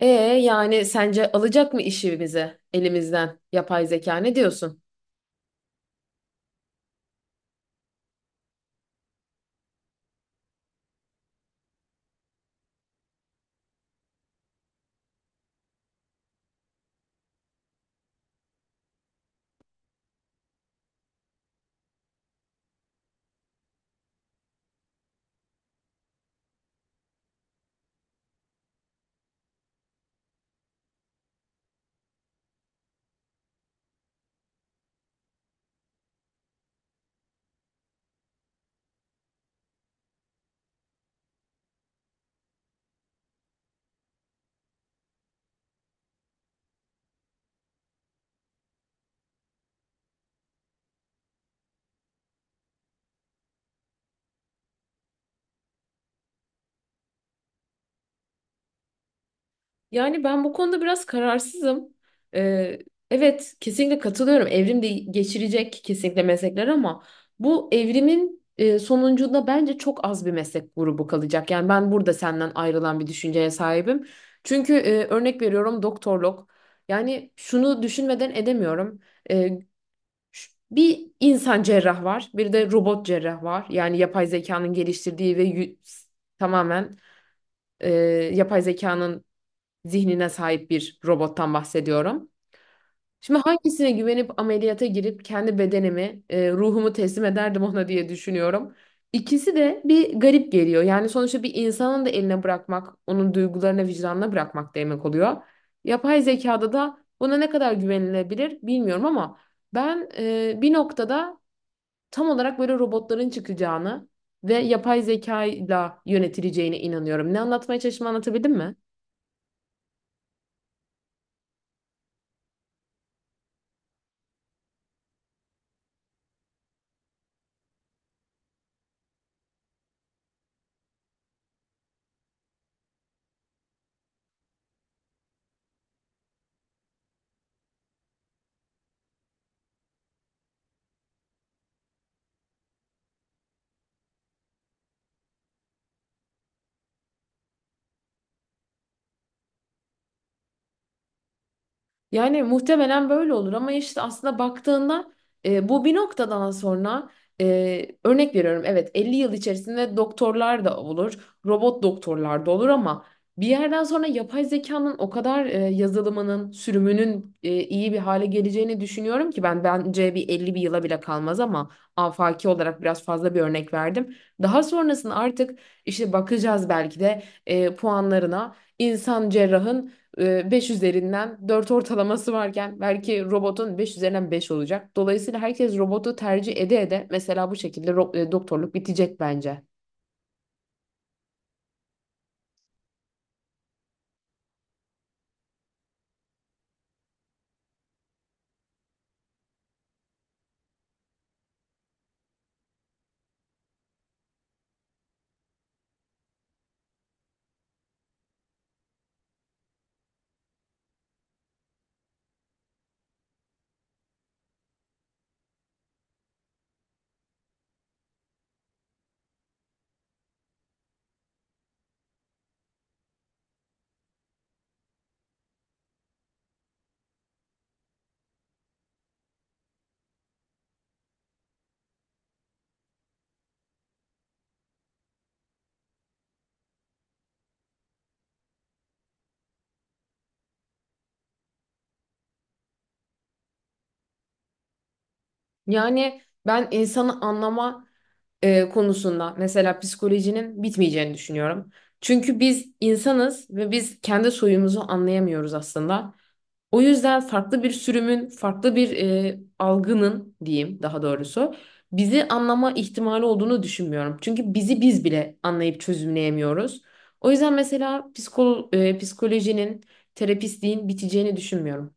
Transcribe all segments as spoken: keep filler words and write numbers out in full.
E Yani sence alacak mı işimizi elimizden yapay zeka, ne diyorsun? Yani ben bu konuda biraz kararsızım. Ee, evet, kesinlikle katılıyorum. Evrim de geçirecek kesinlikle meslekler ama bu evrimin e, sonucunda bence çok az bir meslek grubu kalacak. Yani ben burada senden ayrılan bir düşünceye sahibim. Çünkü e, örnek veriyorum, doktorluk. Yani şunu düşünmeden edemiyorum. E, Ş- Bir insan cerrah var, bir de robot cerrah var. Yani yapay zekanın geliştirdiği ve yü- tamamen e, yapay zekanın zihnine sahip bir robottan bahsediyorum. Şimdi hangisine güvenip ameliyata girip kendi bedenimi, e, ruhumu teslim ederdim ona diye düşünüyorum. İkisi de bir garip geliyor. Yani sonuçta bir insanın da eline bırakmak, onun duygularına, vicdanına bırakmak demek oluyor. Yapay zekada da buna ne kadar güvenilebilir bilmiyorum ama ben e, bir noktada tam olarak böyle robotların çıkacağını ve yapay zekayla yönetileceğine inanıyorum. Ne anlatmaya çalıştığımı anlatabildim mi? Yani muhtemelen böyle olur ama işte aslında baktığında e, bu bir noktadan sonra e, örnek veriyorum, evet, elli yıl içerisinde doktorlar da olur, robot doktorlar da olur ama bir yerden sonra yapay zekanın o kadar e, yazılımının, sürümünün e, iyi bir hale geleceğini düşünüyorum ki ben bence bir elli bir yıla bile kalmaz ama afaki olarak biraz fazla bir örnek verdim. Daha sonrasında artık işte bakacağız belki de e, puanlarına insan cerrahın e, beş üzerinden dört ortalaması varken belki robotun beş üzerinden beş olacak. Dolayısıyla herkes robotu tercih ede ede mesela bu şekilde ro- e, doktorluk bitecek bence. Yani ben insanı anlama e, konusunda mesela psikolojinin bitmeyeceğini düşünüyorum. Çünkü biz insanız ve biz kendi soyumuzu anlayamıyoruz aslında. O yüzden farklı bir sürümün, farklı bir e, algının diyeyim daha doğrusu bizi anlama ihtimali olduğunu düşünmüyorum. Çünkü bizi biz bile anlayıp çözümleyemiyoruz. O yüzden mesela psikolo e, psikolojinin, terapistliğin biteceğini düşünmüyorum.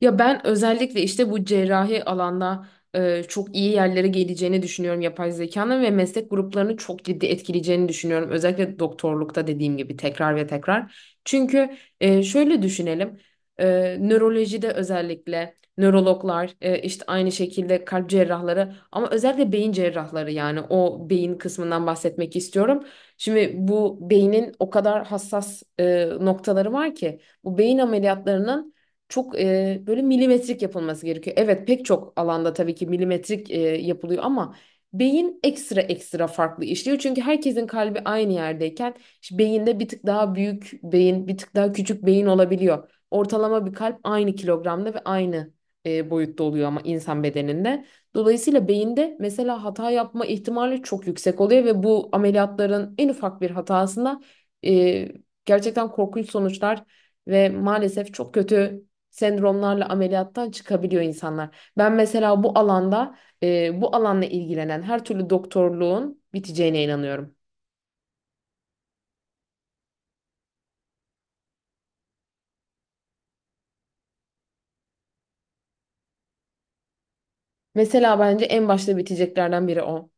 Ya ben özellikle işte bu cerrahi alanda e, çok iyi yerlere geleceğini düşünüyorum yapay zekanın ve meslek gruplarını çok ciddi etkileyeceğini düşünüyorum. Özellikle doktorlukta dediğim gibi tekrar ve tekrar. Çünkü e, şöyle düşünelim. E, nörolojide özellikle nörologlar, e, işte aynı şekilde kalp cerrahları ama özellikle beyin cerrahları, yani o beyin kısmından bahsetmek istiyorum. Şimdi bu beynin o kadar hassas e, noktaları var ki bu beyin ameliyatlarının çok e, böyle milimetrik yapılması gerekiyor. Evet, pek çok alanda tabii ki milimetrik e, yapılıyor ama beyin ekstra ekstra farklı işliyor. Çünkü herkesin kalbi aynı yerdeyken işte beyinde bir tık daha büyük beyin, bir tık daha küçük beyin olabiliyor. Ortalama bir kalp aynı kilogramda ve aynı e, boyutta oluyor ama insan bedeninde. Dolayısıyla beyinde mesela hata yapma ihtimali çok yüksek oluyor ve bu ameliyatların en ufak bir hatasında e, gerçekten korkunç sonuçlar ve maalesef çok kötü sendromlarla ameliyattan çıkabiliyor insanlar. Ben mesela bu alanda e, bu alanla ilgilenen her türlü doktorluğun biteceğine inanıyorum. Mesela bence en başta biteceklerden biri o.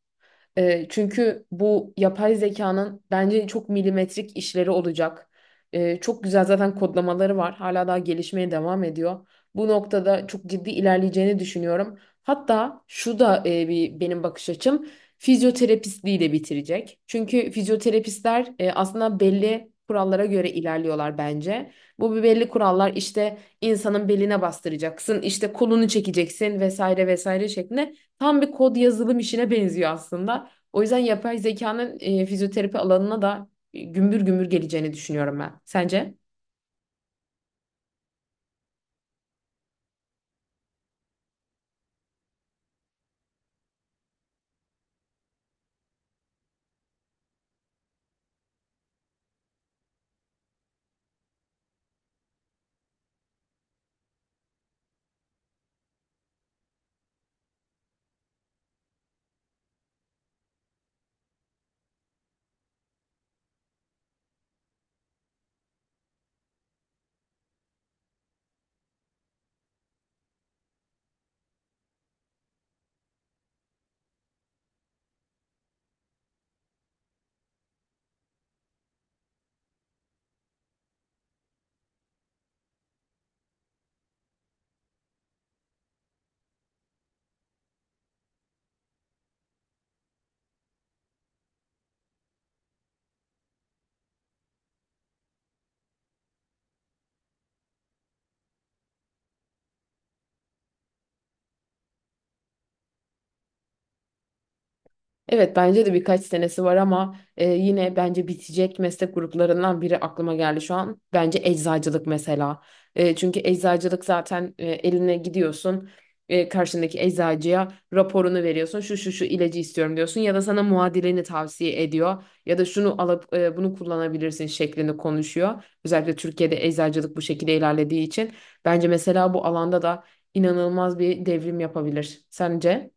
E, çünkü bu yapay zekanın bence çok milimetrik işleri olacak. E, çok güzel zaten kodlamaları var. Hala daha gelişmeye devam ediyor. Bu noktada çok ciddi ilerleyeceğini düşünüyorum. Hatta şu da e, bir benim bakış açım, fizyoterapistliği de bitirecek. Çünkü fizyoterapistler e, aslında belli kurallara göre ilerliyorlar bence. Bu bir belli kurallar, işte insanın beline bastıracaksın, işte kolunu çekeceksin vesaire vesaire şeklinde, tam bir kod yazılım işine benziyor aslında. O yüzden yapay zekanın e, fizyoterapi alanına da e, gümbür gümbür geleceğini düşünüyorum ben. Sence? Evet, bence de birkaç senesi var ama e, yine bence bitecek meslek gruplarından biri aklıma geldi şu an. Bence eczacılık mesela. E, çünkü eczacılık zaten e, eline gidiyorsun, e, karşındaki eczacıya raporunu veriyorsun. Şu şu şu ilacı istiyorum diyorsun ya da sana muadilini tavsiye ediyor ya da şunu alıp e, bunu kullanabilirsin şeklinde konuşuyor. Özellikle Türkiye'de eczacılık bu şekilde ilerlediği için bence mesela bu alanda da inanılmaz bir devrim yapabilir. Sence?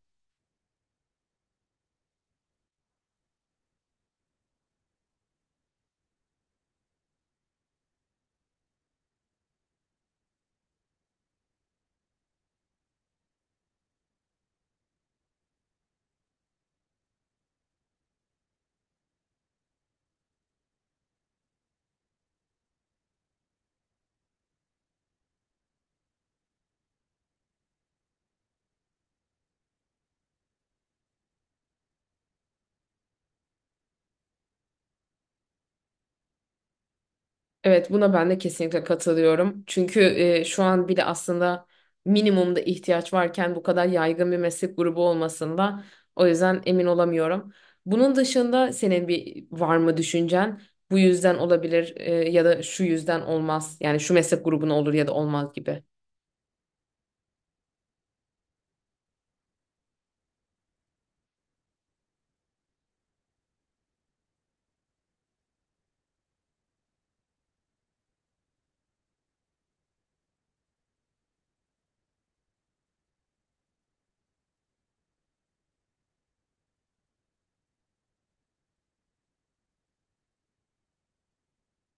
Evet, buna ben de kesinlikle katılıyorum. Çünkü e, şu an bile aslında minimumda ihtiyaç varken bu kadar yaygın bir meslek grubu olmasında, o yüzden emin olamıyorum. Bunun dışında senin bir var mı düşüncen? Bu yüzden olabilir e, ya da şu yüzden olmaz. Yani şu meslek grubuna olur ya da olmaz gibi.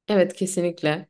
Evet, kesinlikle.